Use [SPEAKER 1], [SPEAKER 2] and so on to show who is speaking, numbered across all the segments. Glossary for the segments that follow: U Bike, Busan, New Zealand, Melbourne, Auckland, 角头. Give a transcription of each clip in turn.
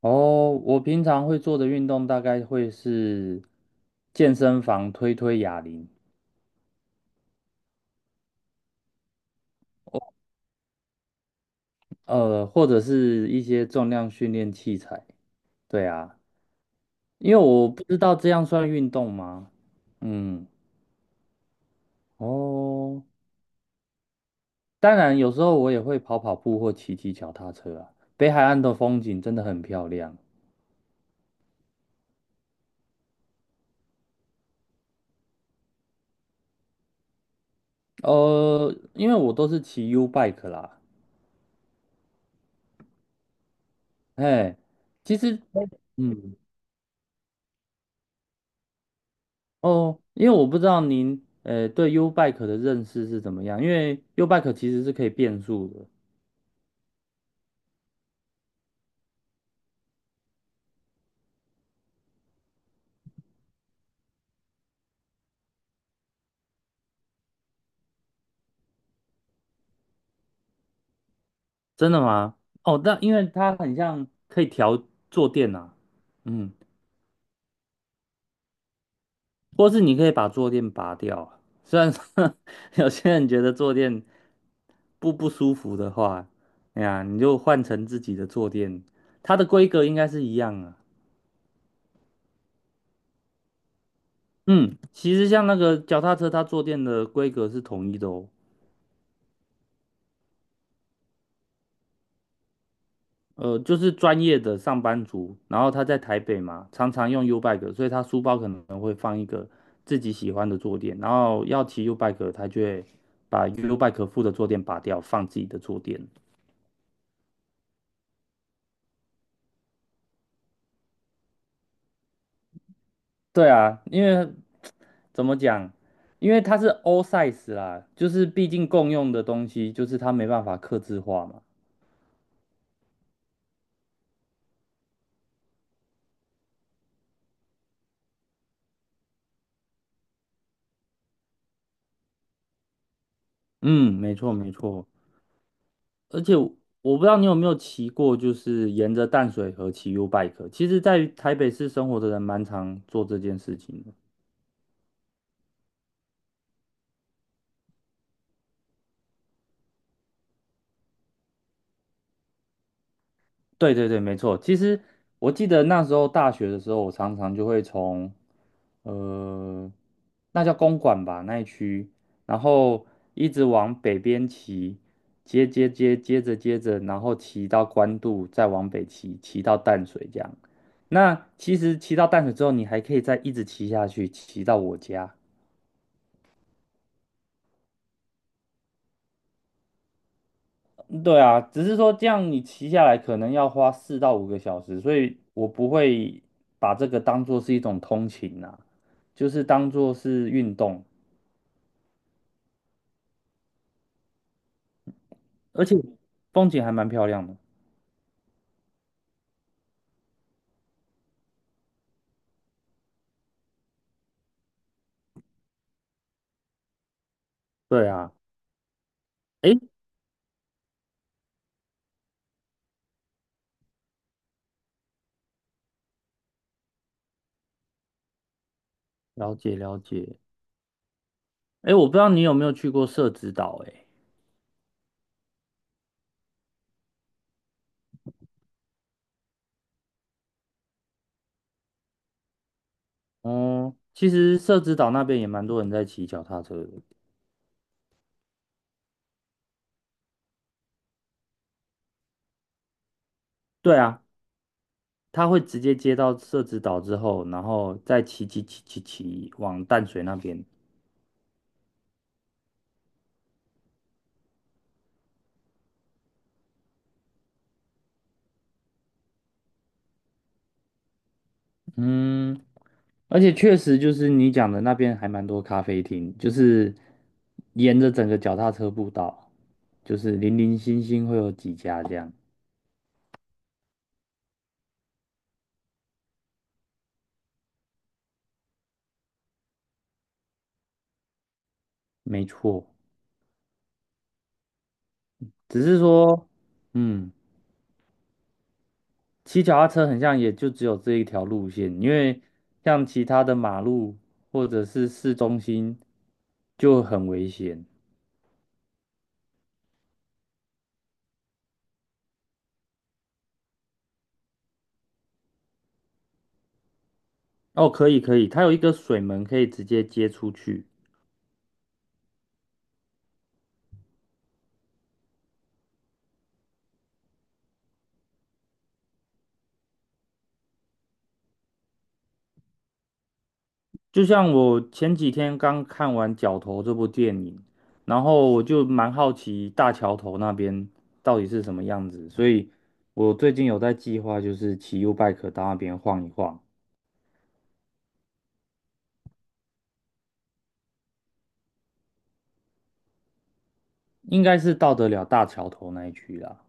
[SPEAKER 1] 哦，我平常会做的运动大概会是健身房推推哑铃，或者是一些重量训练器材。对啊，因为我不知道这样算运动吗？嗯，哦，当然有时候我也会跑跑步或骑骑脚踏车啊。北海岸的风景真的很漂亮。因为我都是骑 U bike 啦，哎，其实，嗯。哦，因为我不知道您对 U Bike 的认识是怎么样，因为 U Bike 其实是可以变速的，真的吗？哦，但因为它很像可以调坐垫啊，嗯，或是你可以把坐垫拔掉啊，虽然说 有些人觉得坐垫不舒服的话，哎呀，你就换成自己的坐垫，它的规格应该是一样啊。嗯，其实像那个脚踏车，它坐垫的规格是统一的哦。就是专业的上班族，然后他在台北嘛，常常用 U bike，所以他书包可能会放一个自己喜欢的坐垫，然后要骑 U bike，他就会把 U bike 附的坐垫拔掉，放自己的坐垫。对啊，因为怎么讲，因为它是 all size 啦，就是毕竟共用的东西，就是它没办法刻字化嘛。嗯，没错没错。而且我不知道你有没有骑过，就是沿着淡水河骑 U bike。其实，在台北市生活的人蛮常做这件事情的。对对对，没错。其实我记得那时候大学的时候，我常常就会从呃，那叫公馆吧那一区，然后一直往北边骑，接着，然后骑到官渡，再往北骑，骑到淡水这样。那其实骑到淡水之后，你还可以再一直骑下去，骑到我家。对啊，只是说这样你骑下来可能要花4到5个小时，所以我不会把这个当做是一种通勤啊，就是当做是运动，而且风景还蛮漂亮的。对啊，诶，了解了解。诶，我不知道你有没有去过社子岛，诶，哦，其实社子岛那边也蛮多人在骑脚踏车的。对啊，他会直接接到社子岛之后，然后再骑往淡水那边。嗯，而且确实就是你讲的那边还蛮多咖啡厅，就是沿着整个脚踏车步道，就是零零星星会有几家这样，没错。只是说，嗯，骑脚踏车很像也就只有这一条路线，因为像其他的马路或者是市中心就很危险。哦，可以可以，它有一个水门可以直接接出去。就像我前几天刚看完《角头》这部电影，然后我就蛮好奇大桥头那边到底是什么样子，所以我最近有在计划，就是骑 U bike 到那边晃一晃，应该是到得了大桥头那一区啦。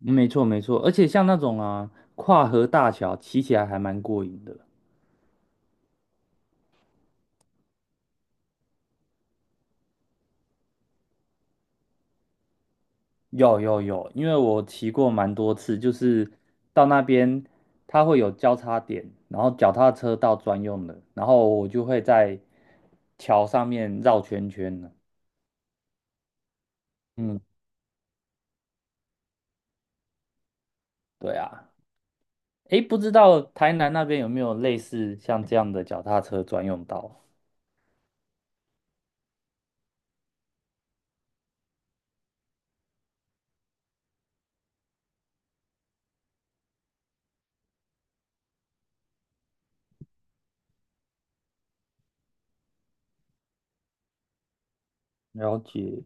[SPEAKER 1] 没错没错，而且像那种啊跨河大桥，骑起来还蛮过瘾的。有有有，因为我骑过蛮多次，就是到那边它会有交叉点，然后脚踏车道专用的，然后我就会在桥上面绕圈圈呢。嗯，对啊，诶，不知道台南那边有没有类似像这样的脚踏车专用道？了解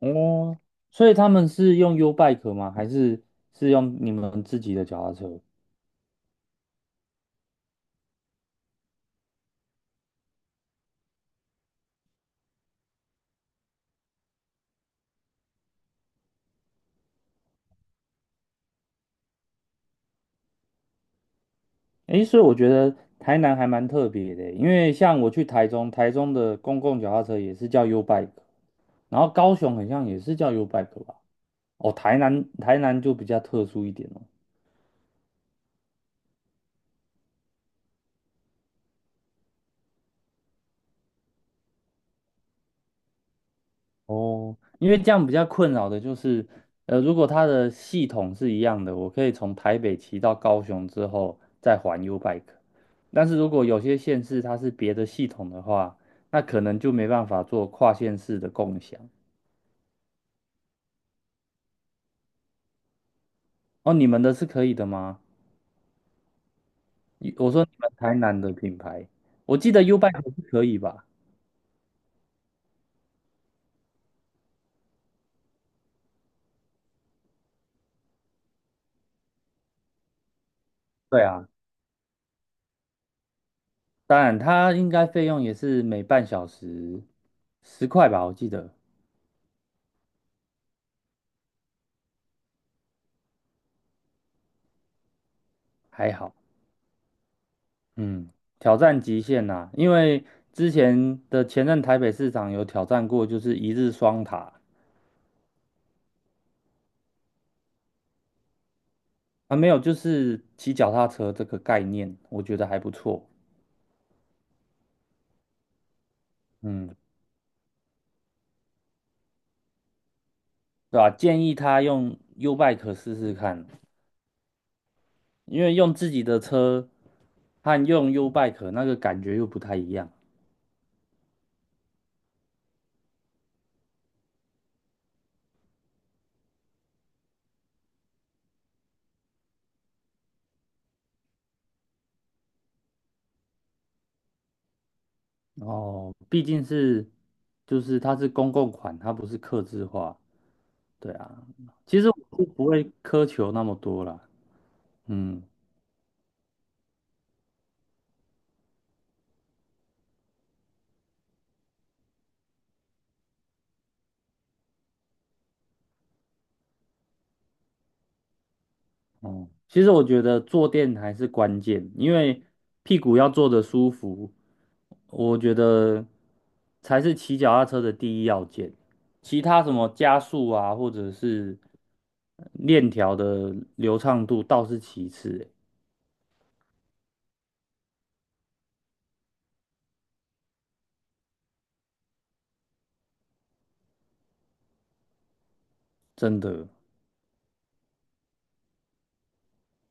[SPEAKER 1] 哦，所以他们是用 U bike 吗？还是是用你们自己的脚踏车？诶，所以我觉得台南还蛮特别的欸，因为像我去台中，台中的公共脚踏车也是叫 U Bike，然后高雄好像也是叫 U Bike 吧。哦，台南就比较特殊一点哦。哦，因为这样比较困扰的就是，如果它的系统是一样的，我可以从台北骑到高雄之后再还 U Bike，但是如果有些县市它是别的系统的话，那可能就没办法做跨县市的共享。哦，你们的是可以的吗？我说你们台南的品牌，我记得 U Bike 是可以吧？对啊，当然它应该费用也是每半小时10块吧，我记得还好。嗯，挑战极限呐、因为之前的前任台北市长有挑战过，就是一日双塔啊，没有，就是骑脚踏车这个概念，我觉得还不错。嗯，对吧、建议他用 U Bike 试试看，因为用自己的车和用 U Bike 那个感觉又不太一样。哦，毕竟就是它是公共款，它不是客制化，对啊。其实我是不会苛求那么多啦，嗯，哦，其实我觉得坐垫还是关键，因为屁股要坐得舒服，我觉得才是骑脚踏车的第一要件。其他什么加速啊，或者是链条的流畅度倒是其次欸，真的。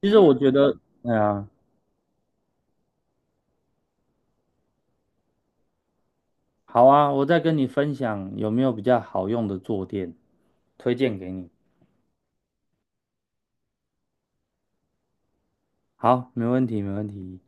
[SPEAKER 1] 其实我觉得，对啊。好啊，我再跟你分享有没有比较好用的坐垫，推荐给你。好，没问题，没问题。